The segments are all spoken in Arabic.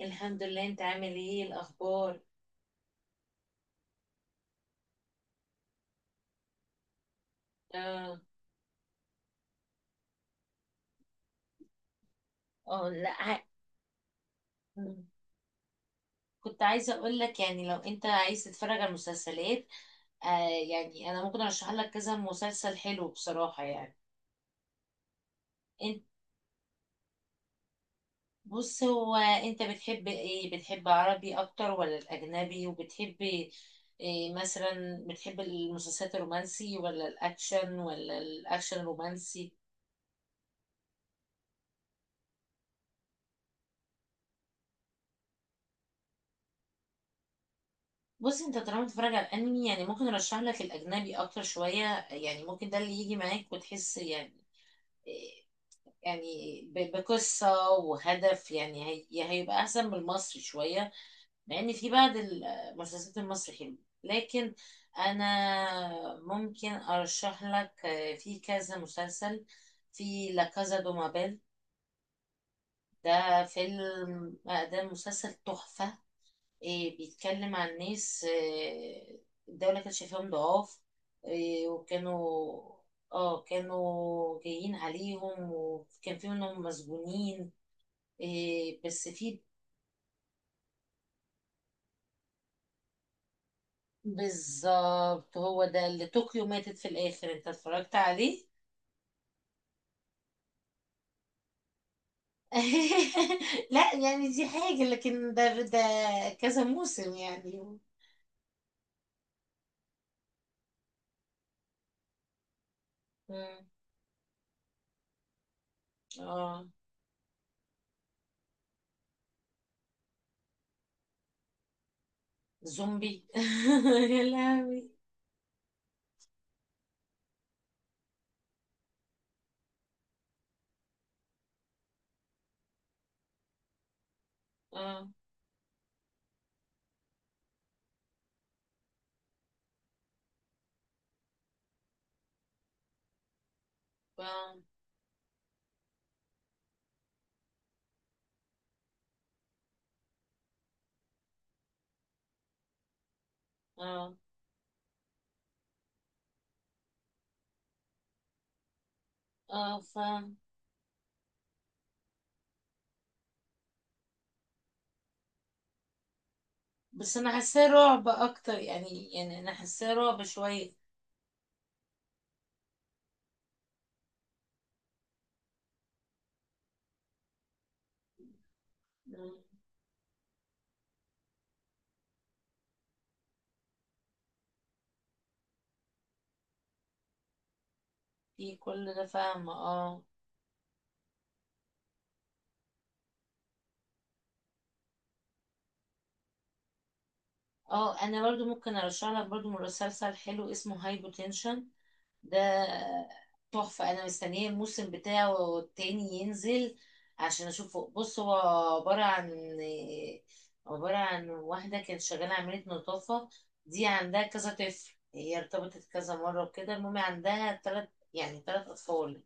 الحمد لله. انت عامل ايه الاخبار؟ اه. اه لا ع- كنت عايزه اقول لك يعني لو انت عايز تتفرج على المسلسلات. يعني انا ممكن ارشح لك كذا مسلسل حلو بصراحه يعني. انت بص، هو انت بتحب ايه، بتحب عربي اكتر ولا الاجنبي، وبتحب مثلا بتحب المسلسلات الرومانسي ولا الاكشن ولا الاكشن الرومانسي؟ بص، انت طالما بتتفرج على الانمي يعني ممكن ارشح لك الاجنبي اكتر شويه، يعني ممكن ده اللي يجي معاك وتحس يعني يعني بقصه وهدف. يعني هي يعني هيبقى احسن من المصري شويه، مع ان في بعض المسلسلات المصري حلوه. لكن انا ممكن ارشح لك في كذا مسلسل. في لا كازا دو مابيل. ده فيلم آه، ده مسلسل تحفه. بيتكلم عن ناس، الدولة كانت شايفاهم ضعاف. وكانوا اه كانوا جايين عليهم وكان في منهم مسجونين. بس في، بالظبط هو ده اللي طوكيو ماتت في الآخر. انت اتفرجت عليه؟ لا، يعني دي حاجة، لكن ده كذا موسم يعني. مم. اه. زومبي. يا لهوي. اه اه اه. اه، فاهم. بس انا حاساه رعب اكتر، يعني انا حاساه رعب شويه. مم. في كل ده، فاهمه. اه. اه، انا برضو ممكن ارشح لك برضو مسلسل حلو اسمه هايبوتنشن. ده تحفه، انا مستنيه الموسم بتاعه التاني ينزل عشان اشوفه. بص هو عباره عن عباره عن واحده كانت شغاله عامله نظافه، دي عندها كذا طفل. هي ارتبطت كذا مره وكده، المهم عندها تلات، يعني تلات اطفال.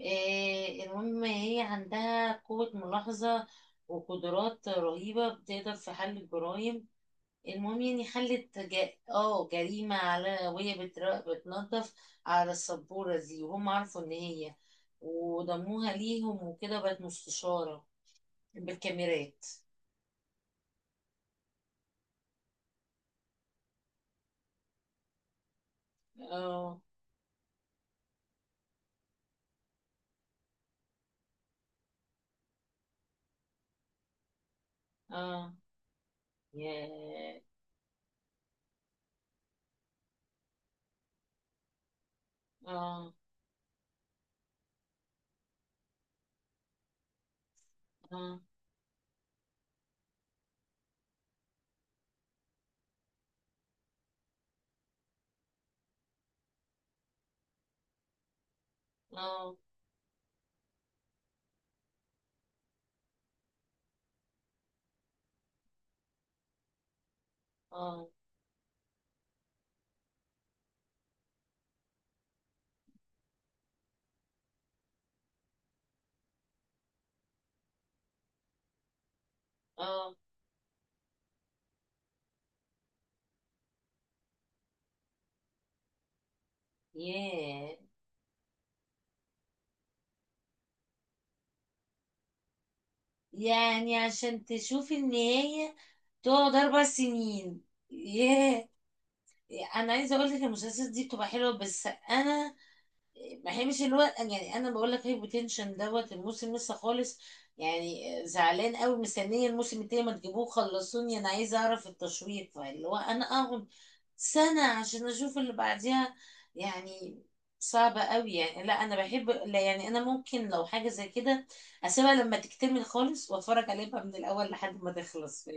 المهم هي عندها قوة ملاحظة وقدرات رهيبة بتقدر في حل الجرائم. المهم يعني حلت جا... اه جريمة، على وهي بتنظف على السبورة دي، وهم عرفوا ان هي، وضموها ليهم وكده بقت مستشارة. بالكاميرات. اه اه. ياه. اه اه اه. اه اه. ياه. يعني عشان تشوفي النهاية تقعد 4 سنين. ياه. أنا عايزة أقولك المسلسلات دي بتبقى حلوة، بس أنا، ما هي مش اللي هو يعني، انا بقول لك هايبوتنشن دوت. الموسم لسه خالص، يعني زعلان قوي مستنيه الموسم التاني، ما تجيبوه خلصوني، انا عايزه اعرف التشويق، فاللي هو انا اقعد سنه عشان اشوف اللي بعديها. يعني صعبة قوي يعني. لا، انا بحب، لا يعني انا ممكن لو حاجة زي كده اسيبها لما تكتمل خالص واتفرج عليها بقى من الاول لحد ما تخلص.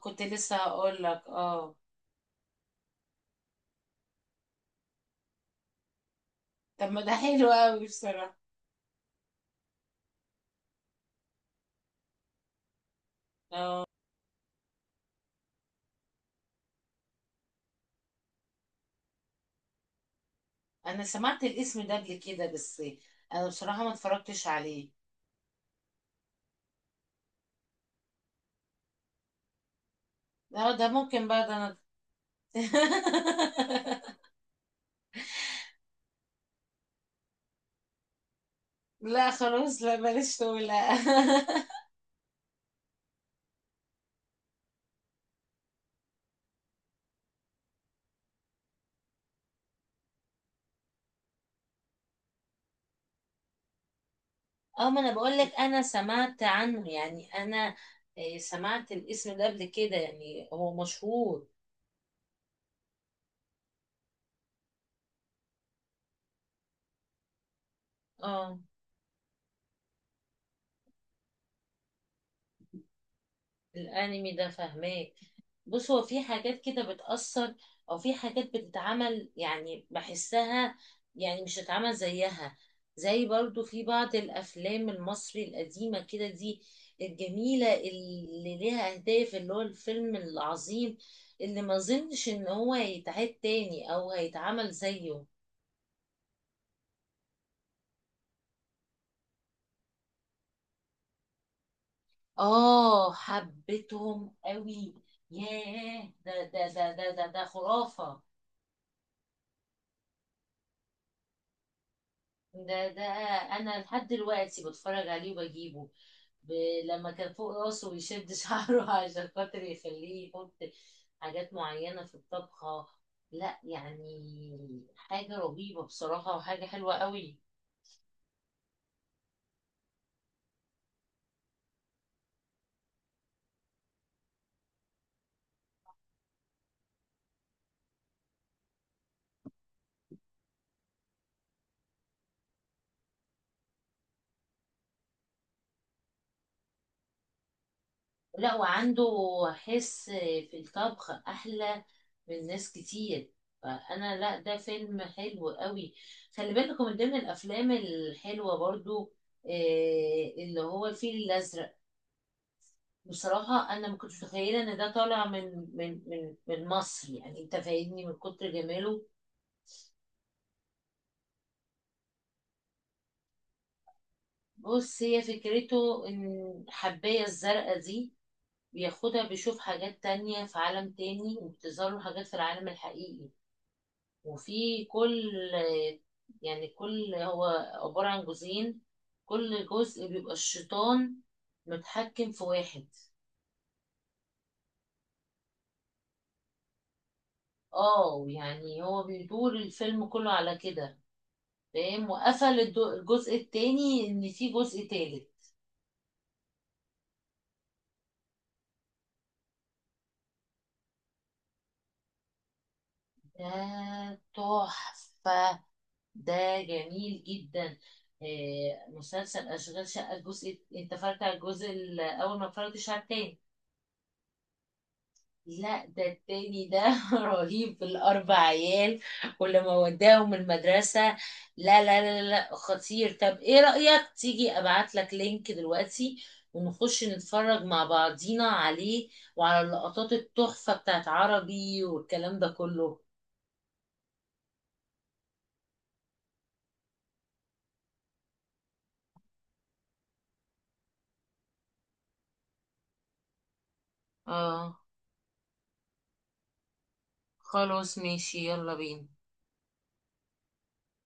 كنت لسه هقول لك. اه. طب ما ده حلو قوي بصراحة. اه، انا سمعت الاسم ده قبل كده بس، انا بصراحة ما اتفرجتش عليه. لا، ده ممكن بقى، ده انا. لا خلاص، لا بلاش تقول، لا. اه، ما انا بقول لك انا سمعت عنه يعني انا، سمعت الاسم ده قبل كده يعني هو مشهور. اه، الانمي ده فهماك. بص هو في حاجات كده بتأثر، او في حاجات بتتعمل يعني بحسها، يعني مش هتتعمل زيها، زي برضو في بعض الافلام المصري القديمة كده دي، الجميلة اللي ليها اهداف، اللي هو الفيلم العظيم اللي ما اظنش ان هو هيتعاد تاني او هيتعمل زيه. اه، حبيتهم قوي. ياه، ده، ده خرافة. ده انا لحد دلوقتي بتفرج عليه وبجيبه. ب... لما كان فوق راسه ويشد شعره عشان خاطر يخليه يحط حاجات معينة في الطبخة. لا، يعني حاجة رهيبة بصراحة، وحاجة حلوة قوي. لا، وعنده حس في الطبخ أحلى من ناس كتير، فأنا، لا ده فيلم حلو قوي. خلي بالكم من ضمن الأفلام الحلوة برضو اللي هو الفيل الأزرق. بصراحة أنا ما كنتش متخيلة إن ده طالع من مصر، يعني أنت فاهمني من كتر جماله. بص هي فكرته، إن الحباية الزرقاء دي بياخدها بيشوف حاجات تانية في عالم تاني، وبتظهر له حاجات في العالم الحقيقي. وفي كل هو عبارة عن جزئين، كل جزء بيبقى الشيطان متحكم في واحد. اه، يعني هو بيدور الفيلم كله على كده. فاهم، وقفل الجزء التاني ان في جزء تالت. ده تحفة، ده جميل جدا. مسلسل أشغال شقة، انت اتفرجت على الجزء الأول ما اتفرجتش على التاني. لا، ده التاني ده رهيب، بالأربع عيال، ولما وداهم المدرسة. لا لا لا لا، خطير. طب ايه رأيك تيجي ابعت لك لينك دلوقتي، ونخش نتفرج مع بعضينا عليه، وعلى اللقطات التحفة بتاعت عربي والكلام ده كله؟ اه خلاص ماشي، يلا بينا.